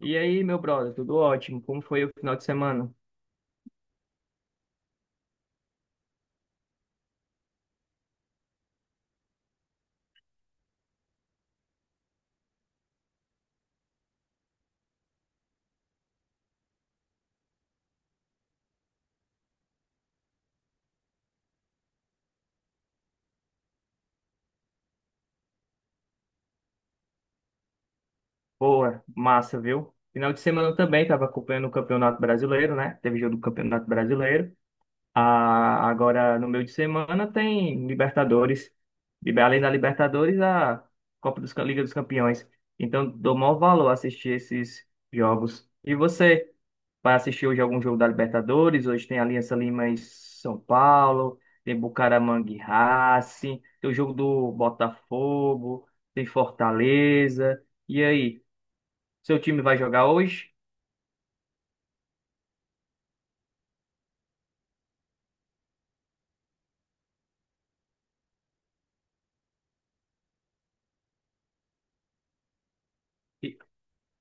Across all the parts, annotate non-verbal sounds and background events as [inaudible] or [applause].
E aí, meu brother, tudo ótimo? Como foi o final de semana? Boa, massa, viu? Final de semana eu também estava acompanhando o Campeonato Brasileiro, né? Teve jogo do Campeonato Brasileiro. Ah, agora, no meio de semana, tem Libertadores. Além da Libertadores, a Liga dos Campeões. Então, dou maior valor a assistir esses jogos. E você? Vai assistir hoje algum jogo da Libertadores? Hoje tem Aliança Lima e São Paulo. Tem Bucaramanga e Racing. Tem o jogo do Botafogo. Tem Fortaleza. E aí, seu time vai jogar hoje?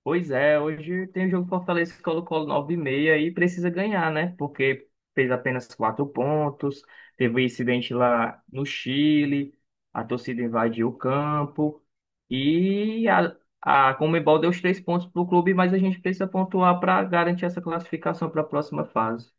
Pois é, hoje tem o jogo Fortaleza e Colo Colo nove e meia e precisa ganhar, né? Porque fez apenas quatro pontos, teve um incidente lá no Chile, a torcida invadiu o campo e a Conmebol deu os três pontos para o clube, mas a gente precisa pontuar para garantir essa classificação para a próxima fase.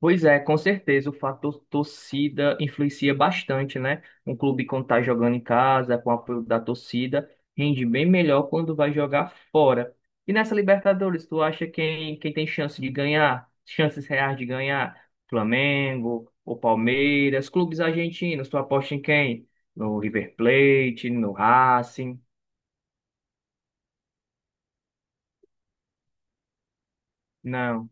Pois é, com certeza o fator torcida influencia bastante, né? Um clube, quando tá jogando em casa, com o apoio da torcida, rende bem melhor quando vai jogar fora. E nessa Libertadores, tu acha quem tem chance de ganhar? Chances reais de ganhar? Flamengo, o Palmeiras? Clubes argentinos, tu aposta em quem? No River Plate, no Racing? Não.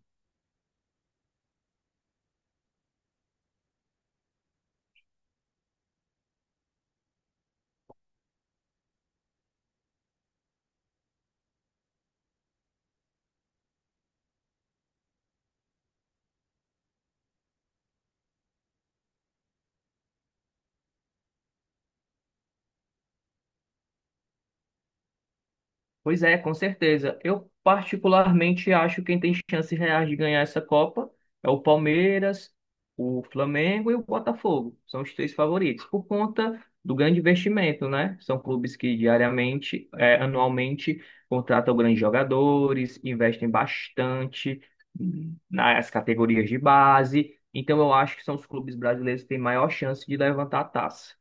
Pois é, com certeza. Eu particularmente acho que quem tem chances reais de ganhar essa Copa é o Palmeiras, o Flamengo e o Botafogo. São os três favoritos, por conta do grande investimento, né? São clubes que diariamente, anualmente, contratam grandes jogadores, investem bastante nas categorias de base. Então, eu acho que são os clubes brasileiros que têm maior chance de levantar a taça.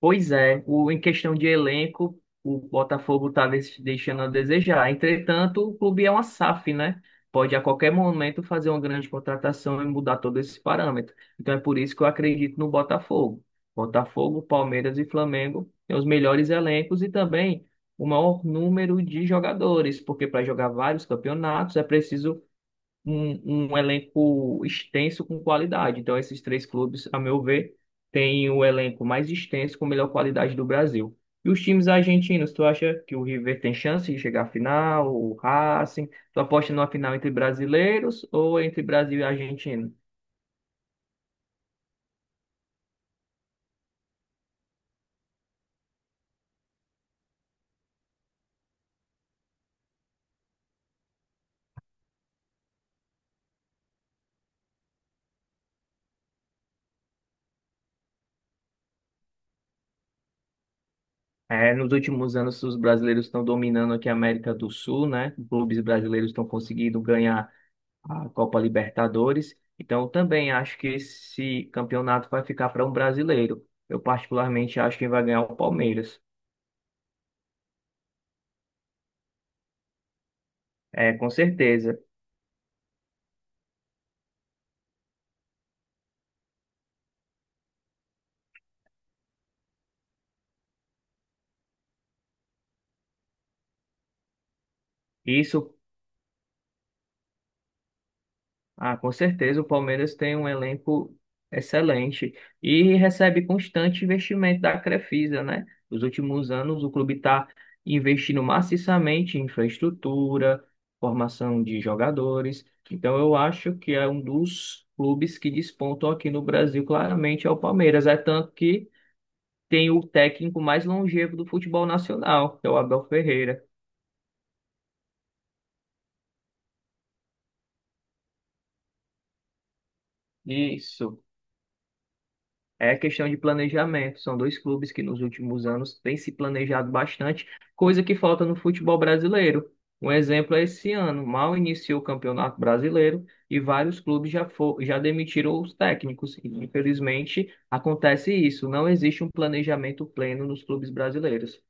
Pois é, em questão de elenco, o Botafogo está deixando a desejar. Entretanto, o clube é uma SAF, né? Pode a qualquer momento fazer uma grande contratação e mudar todo esse parâmetro. Então é por isso que eu acredito no Botafogo. Botafogo, Palmeiras e Flamengo têm os melhores elencos e também o maior número de jogadores, porque para jogar vários campeonatos é preciso um elenco extenso com qualidade. Então, esses três clubes, a meu ver, têm o elenco mais extenso com melhor qualidade do Brasil. E os times argentinos, tu acha que o River tem chance de chegar à final, o Racing? Tu aposta numa final entre brasileiros ou entre Brasil e Argentina? É, nos últimos anos, os brasileiros estão dominando aqui a América do Sul, né? Clubes brasileiros estão conseguindo ganhar a Copa Libertadores. Então, eu também acho que esse campeonato vai ficar para um brasileiro. Eu, particularmente, acho que vai ganhar o Palmeiras. É, com certeza. Isso. Ah, com certeza, o Palmeiras tem um elenco excelente e recebe constante investimento da Crefisa, né? Nos últimos anos, o clube está investindo maciçamente em infraestrutura, formação de jogadores. Então, eu acho que é um dos clubes que despontam aqui no Brasil, claramente, é o Palmeiras. É tanto que tem o técnico mais longevo do futebol nacional, que é o Abel Ferreira. Isso. É questão de planejamento. São dois clubes que nos últimos anos têm se planejado bastante, coisa que falta no futebol brasileiro. Um exemplo é esse ano: mal iniciou o Campeonato Brasileiro e vários clubes já demitiram os técnicos. E, infelizmente, acontece isso. Não existe um planejamento pleno nos clubes brasileiros.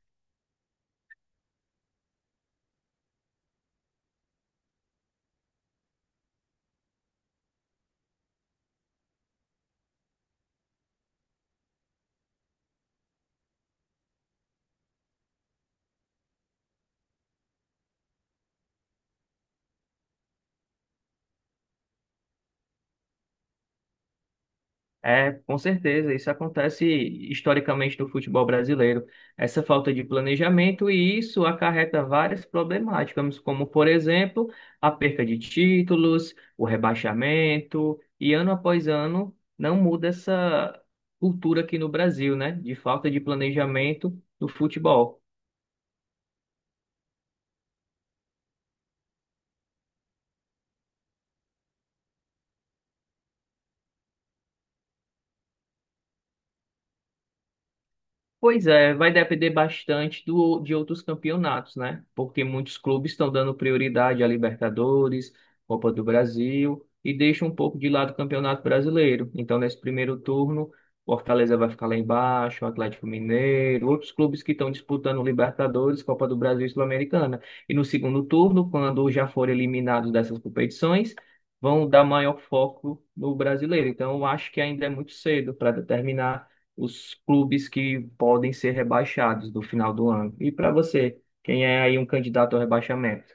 É, com certeza, isso acontece historicamente no futebol brasileiro. Essa falta de planejamento e isso acarreta várias problemáticas, como, por exemplo, a perca de títulos, o rebaixamento, e ano após ano não muda essa cultura aqui no Brasil, né, de falta de planejamento no futebol. Pois é, vai depender bastante de outros campeonatos, né? Porque muitos clubes estão dando prioridade a Libertadores, Copa do Brasil e deixam um pouco de lado o Campeonato Brasileiro. Então, nesse primeiro turno, o Fortaleza vai ficar lá embaixo, o Atlético Mineiro, outros clubes que estão disputando Libertadores, Copa do Brasil e Sul-Americana. E no segundo turno, quando já forem eliminados dessas competições, vão dar maior foco no brasileiro. Então, eu acho que ainda é muito cedo para determinar os clubes que podem ser rebaixados no final do ano. E para você, quem é aí um candidato ao rebaixamento?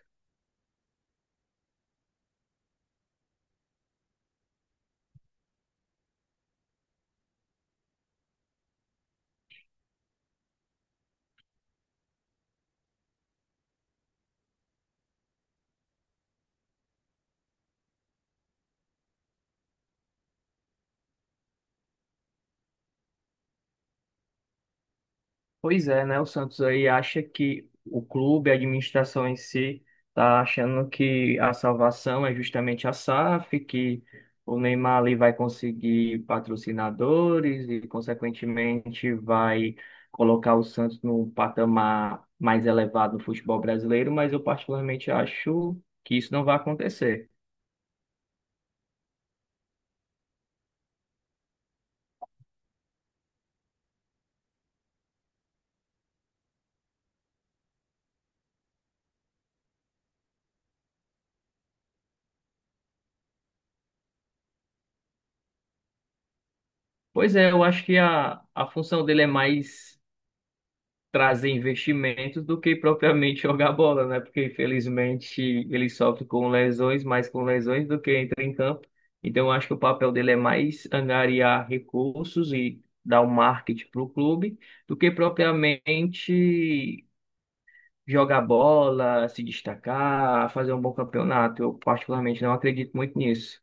Pois é, né? O Santos aí, acha que o clube, a administração em si, tá achando que a salvação é justamente a SAF, que o Neymar ali vai conseguir patrocinadores e, consequentemente, vai colocar o Santos num patamar mais elevado no futebol brasileiro, mas eu particularmente acho que isso não vai acontecer. Pois é, eu acho que a função dele é mais trazer investimentos do que propriamente [laughs] jogar bola, né? Porque infelizmente ele sofre com lesões, mais com lesões do que entra em campo. Então eu acho que o papel dele é mais angariar recursos e dar o marketing para o clube do que propriamente jogar bola, se destacar, fazer um bom campeonato. Eu particularmente não acredito muito nisso.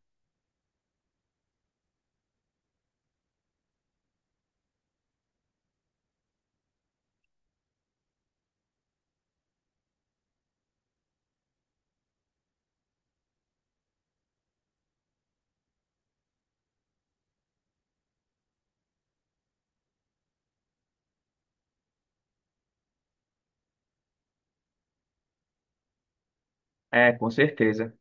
É, com certeza.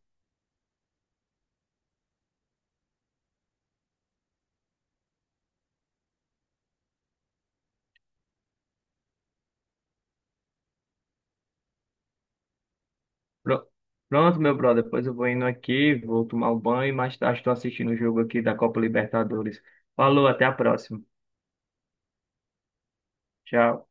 Pro- Pronto, meu brother. Depois eu vou indo aqui, vou tomar o banho e mais tarde estou assistindo o jogo aqui da Copa Libertadores. Falou, até a próxima. Tchau.